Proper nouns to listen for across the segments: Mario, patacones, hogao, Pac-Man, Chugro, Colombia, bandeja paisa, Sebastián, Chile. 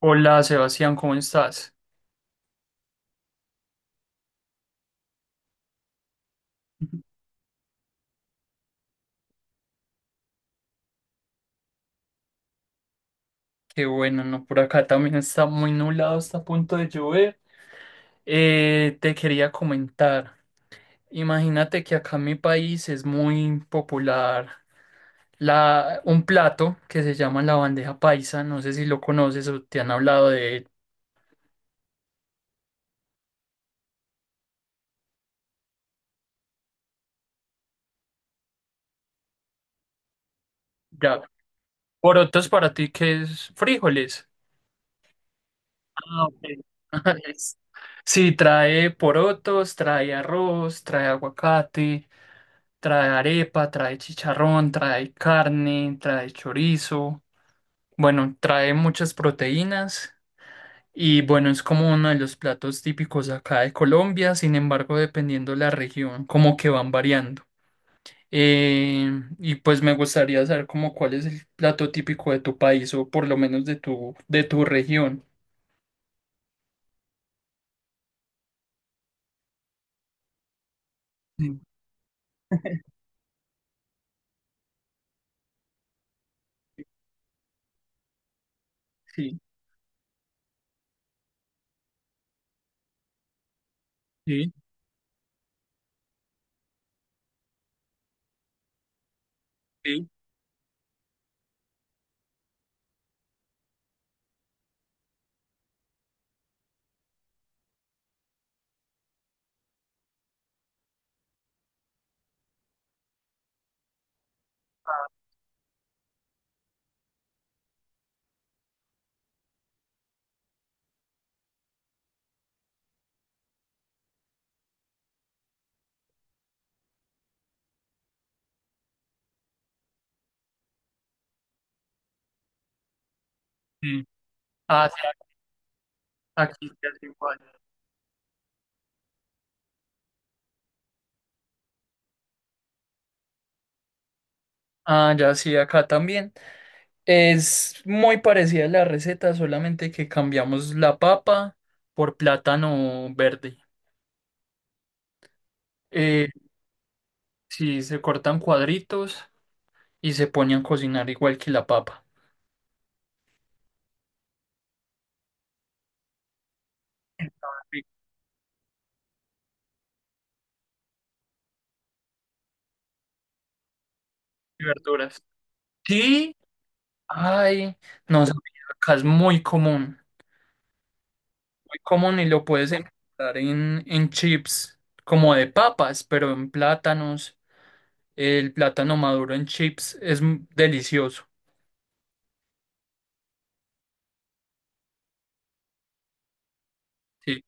Hola Sebastián, ¿cómo estás? Qué bueno, ¿no? Por acá también está muy nublado, está a punto de llover. Te quería comentar, imagínate que acá en mi país es muy popular un plato que se llama la bandeja paisa, no sé si lo conoces o te han hablado de él. Ya, porotos para ti que es frijoles. Ah, ok. Sí, trae porotos, trae arroz, trae aguacate. Trae arepa, trae chicharrón, trae carne, trae chorizo. Bueno, trae muchas proteínas y bueno, es como uno de los platos típicos acá de Colombia, sin embargo, dependiendo la región, como que van variando. Eh, y pues me gustaría saber como cuál es el plato típico de tu país o por lo menos de de tu región. Sí, sí, sí, sí, sí. Ah, sí, aquí sí, así igual. Ah, ya sí, acá también. Es muy parecida a la receta, solamente que cambiamos la papa por plátano verde. Eh, sí, se cortan cuadritos y se ponen a cocinar igual que la papa. Y verduras. Sí, ay, no sabía, acá es muy común y lo puedes encontrar en chips como de papas, pero en plátanos. El plátano maduro en chips es delicioso. Sí,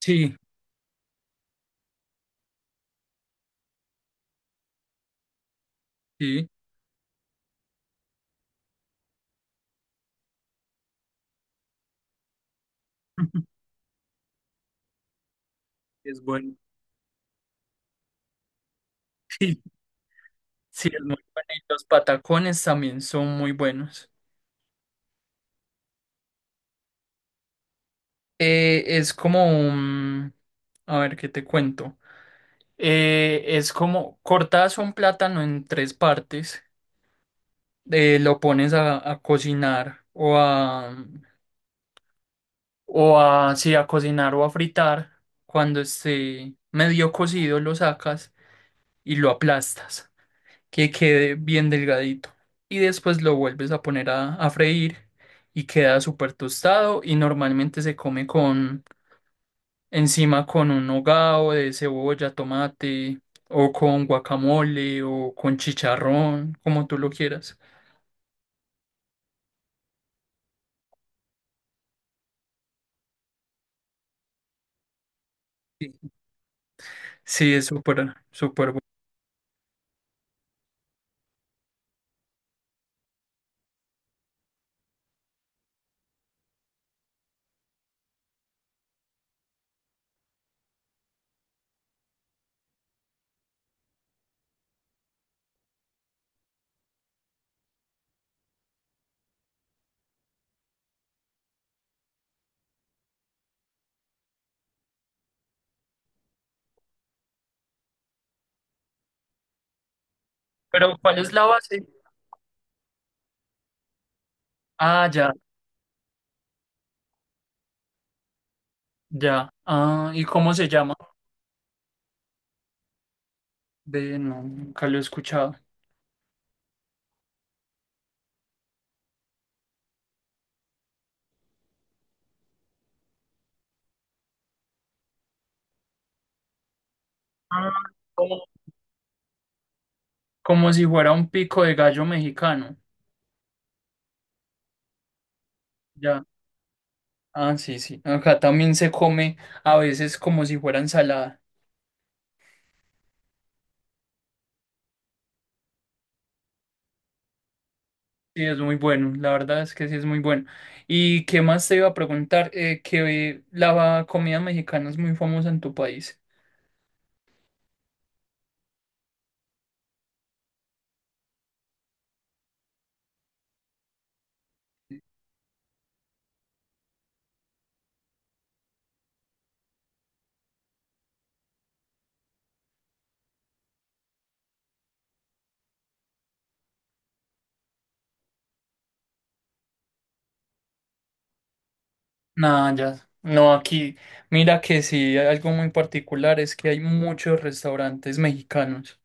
sí, sí. Es bueno. Sí, es muy bueno. Y los patacones también son muy buenos. Es como un... A ver, ¿qué te cuento? Es como cortas un plátano en tres partes, lo pones a cocinar o a... sí, a cocinar o a fritar. Cuando esté medio cocido lo sacas y lo aplastas. Que quede bien delgadito. Y después lo vuelves a poner a freír y queda súper tostado y normalmente se come con encima con un hogao de cebolla, tomate o con guacamole o con chicharrón, como tú lo quieras. Sí, sí, es súper, súper bueno. Pero ¿cuál es la base? Ah, ya, ya. Ah, ¿y cómo se llama? Ve, no, nunca lo he escuchado. Ah, como como si fuera un pico de gallo mexicano. Ya. Ah, sí, sí. Acá también se come a veces como si fuera ensalada. Sí, es muy bueno. La verdad es que sí es muy bueno. ¿Y qué más te iba a preguntar? Que la comida mexicana es muy famosa en tu país. Nada, ya. No, aquí, mira que sí, hay algo muy particular es que hay muchos restaurantes mexicanos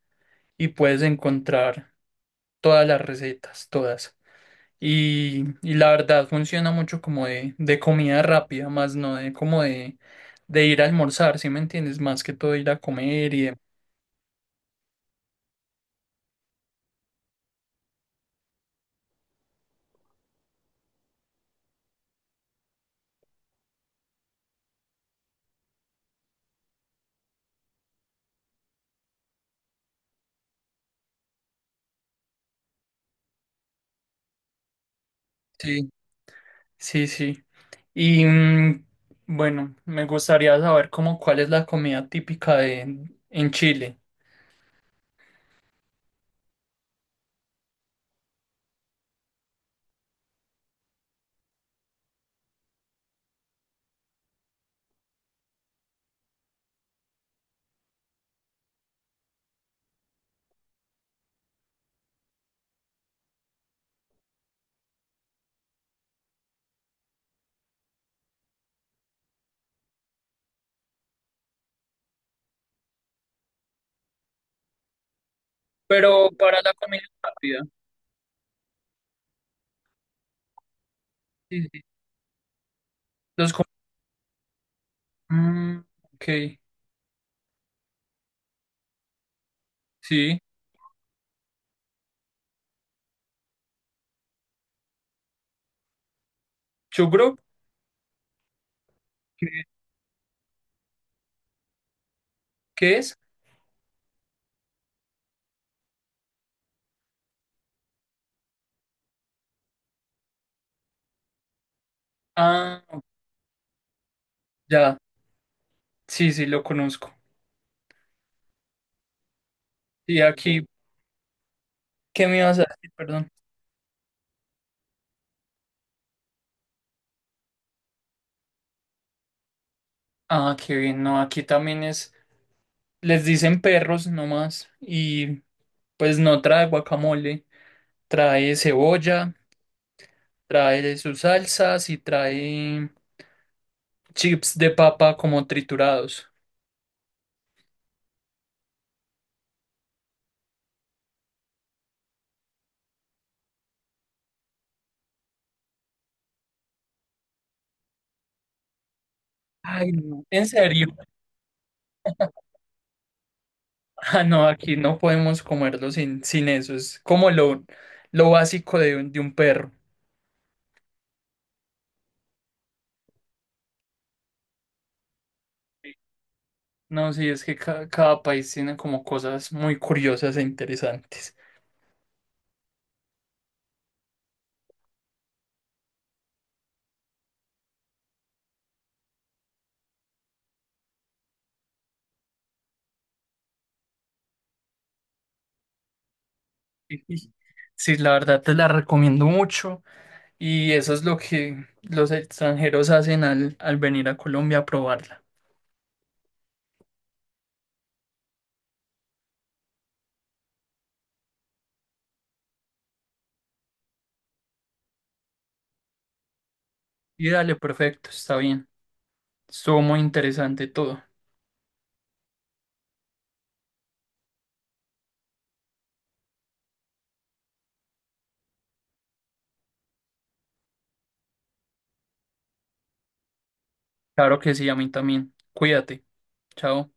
y puedes encontrar todas las recetas, todas. Y la verdad funciona mucho como de comida rápida, más no de como de ir a almorzar, ¿sí me entiendes? Más que todo ir a comer y demás. Sí. Sí, sí. Y mm, bueno, me gustaría saber como cuál es la comida típica de en Chile. Pero para la comida rápida. Sí, sí. Los co- mm, ok, sí. Chugro, ¿qué, qué es? Ah, ya. Sí, sí, lo conozco. Y aquí, ¿qué me ibas a decir? Perdón. Ah, qué bien, no, aquí también es, les dicen perros nomás, y pues no trae guacamole, trae cebolla, trae sus salsas y trae chips de papa como triturados. Ay, no, en serio. Ah, no, aquí no podemos comerlo sin, sin eso, es como lo básico de, de un perro. No, sí, es que cada país tiene como cosas muy curiosas e interesantes. Sí, sí, la verdad te la recomiendo mucho y eso es lo que los extranjeros hacen al, al venir a Colombia a probarla. Y dale, perfecto, está bien. Estuvo muy interesante todo. Claro que sí, a mí también. Cuídate. Chao.